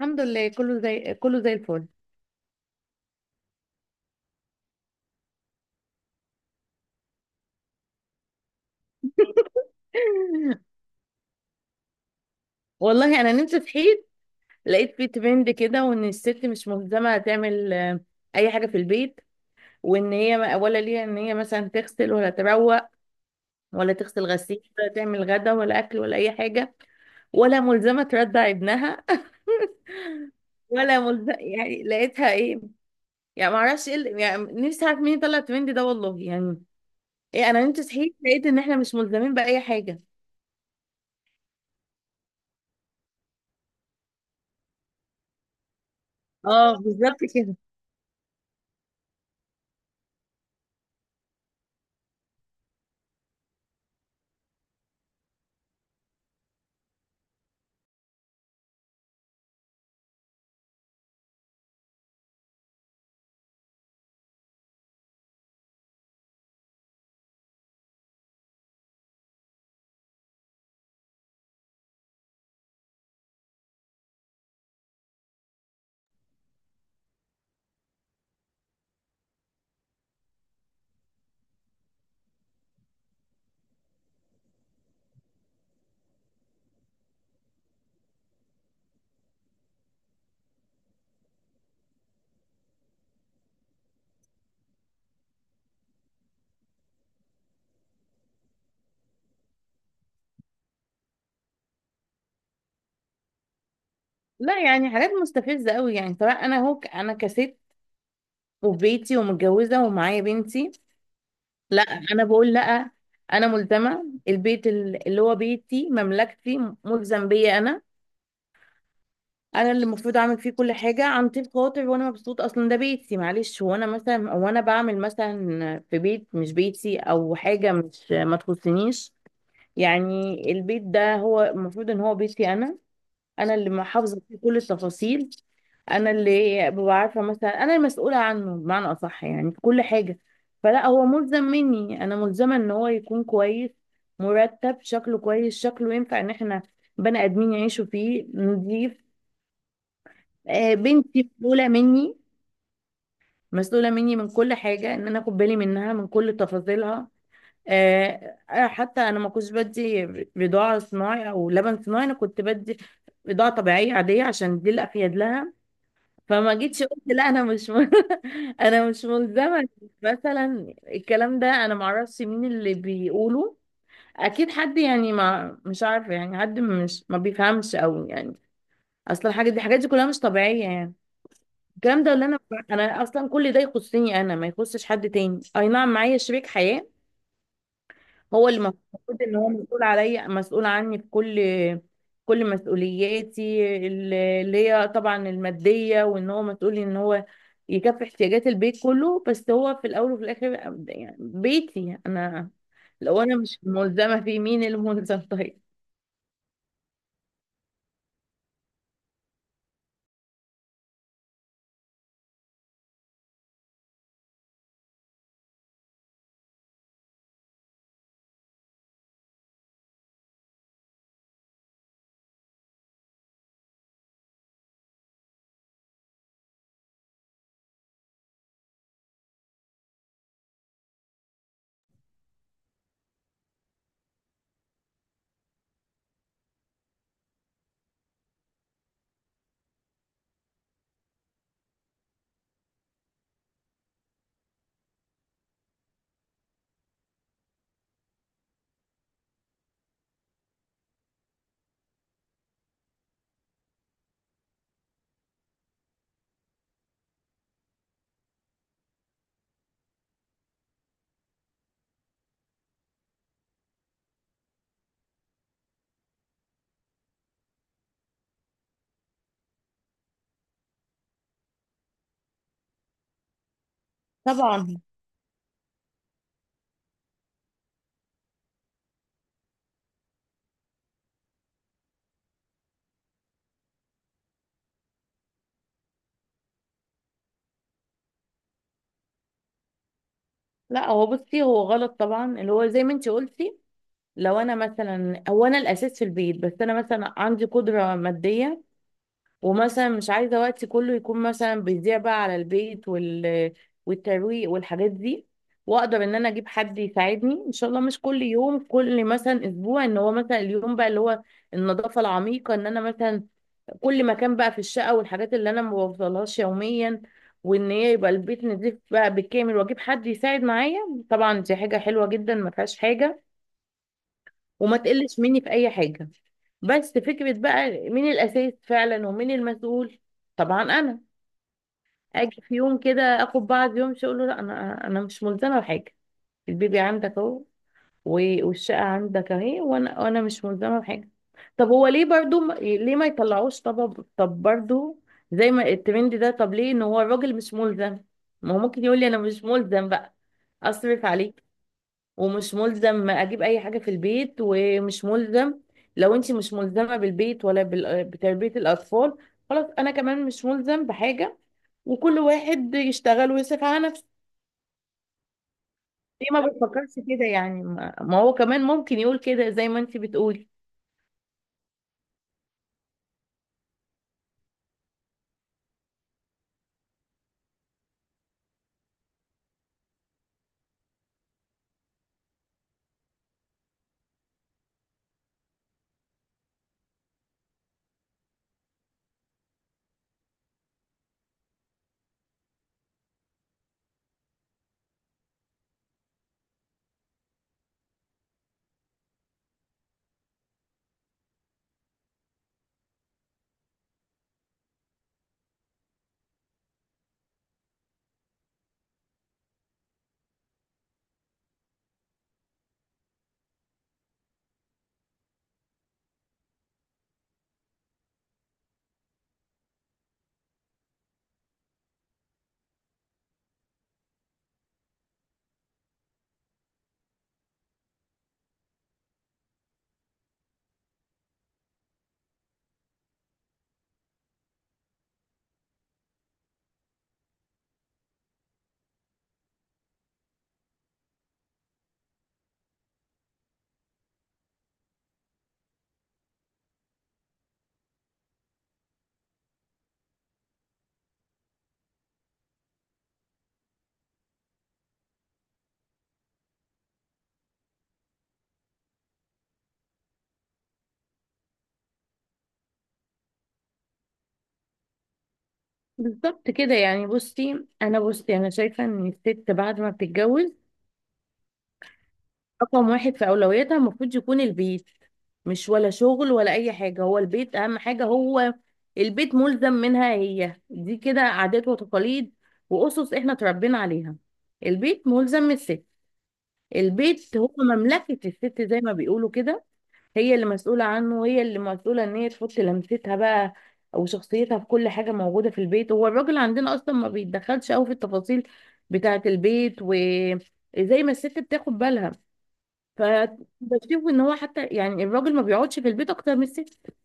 الحمد لله، كله زي الفل والله انا نمت صحيت لقيت في ترند كده، وان الست مش ملزمه تعمل اي حاجه في البيت، وان هي ولا ليها ان هي مثلا تغسل ولا تروق ولا تغسل غسيل ولا تعمل غدا ولا اكل ولا اي حاجه، ولا ملزمه ترضع ابنها. ولا ملزمه، يعني لقيتها ايه، يعني ما اعرفش ايه يعني نفسي اعرف مين طلع الترند ده، والله. يعني ايه، انا نمت صحيت لقيت ان احنا مش ملزمين باي حاجه. اه، بالظبط كده. لا يعني حاجات مستفزة قوي، يعني سواء انا هو انا كست وفي بيتي ومتجوزة ومعايا بنتي. لا انا بقول لا، انا ملزمة البيت، اللي هو بيتي، مملكتي، ملزم بيا انا. انا اللي المفروض اعمل فيه كل حاجة عن طيب خاطر، وانا مبسوط، اصلا ده بيتي. معلش، هو انا مثلا وانا بعمل مثلا في بيت مش بيتي او حاجة مش ما تخصنيش؟ يعني البيت ده هو المفروض ان هو بيتي انا، انا اللي محافظه فيه كل التفاصيل. انا اللي ببقى عارفه، مثلا انا المسؤوله عنه بمعنى اصح، يعني في كل حاجه. فلا هو ملزم مني، انا ملزمه ان هو يكون كويس، مرتب، شكله كويس، شكله ينفع ان احنا بني ادمين يعيشوا فيه نضيف. بنتي مسؤوله مني، مسؤوله مني من كل حاجه، ان انا اخد بالي منها من كل تفاصيلها. حتى انا ما كنتش بدي بضاعه صناعي او لبن صناعي، انا كنت بدي بضاعه طبيعيه عاديه عشان دي الافيد لها. فما جيتش قلت لا انا مش. انا مش ملزمه. مثلا الكلام ده انا معرفش مين اللي بيقوله، اكيد حد يعني ما مش عارفه، يعني حد مش ما بيفهمش قوي، يعني اصلا الحاجه دي، الحاجات دي كلها مش طبيعيه. يعني الكلام ده اللي انا، انا اصلا كل ده يخصني انا، ما يخصش حد تاني. اي نعم معايا شريك حياه، هو اللي المفروض ان هو مسؤول عليا، مسؤول عني في كل كل مسؤولياتي اللي هي طبعا الماديه، وان هو مسؤول ان هو يكفي احتياجات البيت كله، بس هو في الاول وفي الاخر يعني بيتي انا. لو انا مش ملزمه فيه، مين اللي ملزم؟ طيب، طبعا. لا هو بصي هو غلط طبعا، اللي هو زي ما انت قلتي، لو انا مثلا هو انا الاساس في البيت، بس انا مثلا عندي قدره ماديه، ومثلا مش عايزة وقتي كله يكون مثلا بيضيع بقى على البيت والترويق والحاجات دي، واقدر ان انا اجيب حد يساعدني ان شاء الله، مش كل يوم، كل مثلا اسبوع، ان هو مثلا اليوم بقى اللي هو النظافة العميقة، ان انا مثلا كل مكان بقى في الشقة والحاجات اللي انا ما بوصلهاش يوميا، وان هي يبقى البيت نضيف بقى بالكامل، واجيب حد يساعد معايا. طبعا دي حاجة حلوة جدا، ما فيهاش حاجة، وما تقلش مني في اي حاجه. بس فكره بقى مين الاساس فعلا، ومين المسؤول. طبعا انا اجي في يوم كده اخد بعض يوم اقول له لا، انا مش ملزمه بحاجه، البيبي عندك اهو، والشقه عندك اهي، وانا مش ملزمه بحاجه. طب هو ليه برضو ليه ما يطلعوش؟ طب برضو زي ما الترند ده، طب ليه ان هو الراجل مش ملزم؟ ما هو ممكن يقول لي انا مش ملزم بقى، اصرف عليك، ومش ملزم اجيب اي حاجه في البيت، ومش ملزم. لو انت مش ملزمه بالبيت، ولا بتربيه الاطفال، خلاص انا كمان مش ملزم بحاجه، وكل واحد يشتغل ويصرف على نفسه. ليه ما بتفكرش كده يعني؟ ما هو كمان ممكن يقول كده زي ما انت بتقولي. بالظبط كده. يعني بصي، انا بصي انا شايفه ان الست بعد ما بتتجوز رقم واحد في أولوياتها المفروض يكون البيت، مش ولا شغل ولا أي حاجة، هو البيت أهم حاجة. هو البيت ملزم منها هي، دي كده عادات وتقاليد وأسس إحنا اتربينا عليها. البيت ملزم من الست، البيت هو مملكة الست زي ما بيقولوا كده. هي اللي مسؤولة عنه، وهي اللي مسؤولة إن هي تحط لمستها بقى أو شخصيتها في كل حاجة موجودة في البيت. هو الراجل عندنا أصلا ما بيتدخلش أوي في التفاصيل بتاعة البيت، وزي ما الست بتاخد بالها، فبشوف ان هو حتى يعني الراجل ما بيقعدش في البيت اكتر من الست.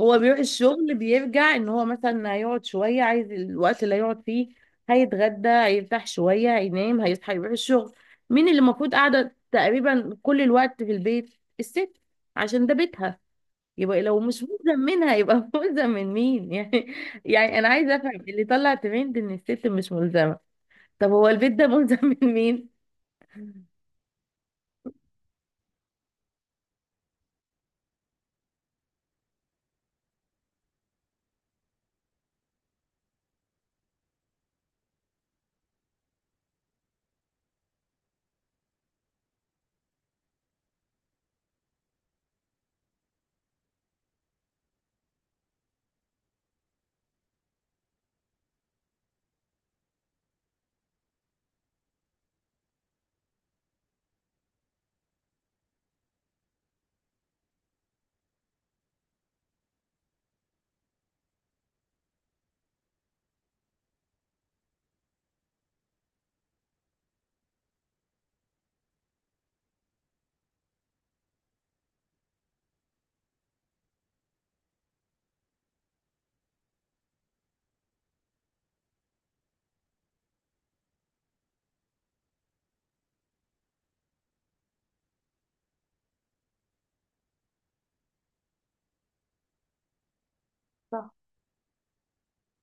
هو بيروح الشغل، بيرجع ان هو مثلا هيقعد شويه، عايز الوقت اللي هيقعد فيه هيتغدى، هيرتاح شويه، هينام، هيصحى يروح الشغل. مين اللي المفروض قاعده تقريبا كل الوقت في البيت؟ الست، عشان ده بيتها. يبقى لو مش ملزم منها، يبقى ملزم من مين يعني؟ يعني انا عايزه افهم اللي طلع ترند ان الست مش ملزمه، طب هو البيت ده ملزم من مين؟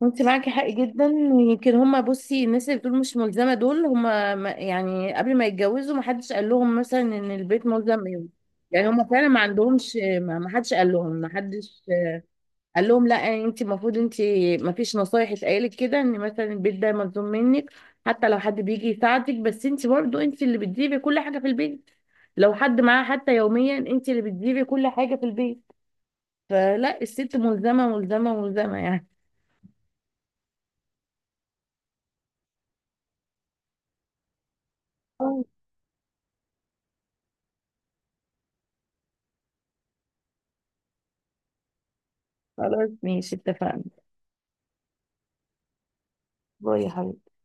انت معاكي حق جدا. يمكن هما، بصي الناس اللي بتقول مش ملزمه دول هما يعني قبل ما يتجوزوا ما حدش قال لهم مثلا ان البيت ملزم يوم. يعني هما فعلا ما عندهمش، ما حدش قال لهم، ما حدش قال لهم لا، انت المفروض انت. ما فيش نصايح اتقالت كده ان مثلا البيت ده ملزوم منك، حتى لو حد بيجي يساعدك، بس انت برضه انت اللي بتجيبي كل حاجه في البيت. لو حد معاه حتى يوميا، انت اللي بتجيبي كل حاجه في البيت. فلا، الست ملزمه، ملزمه يعني. خلاص ماشي، اتفقنا. باي يا حبيبي.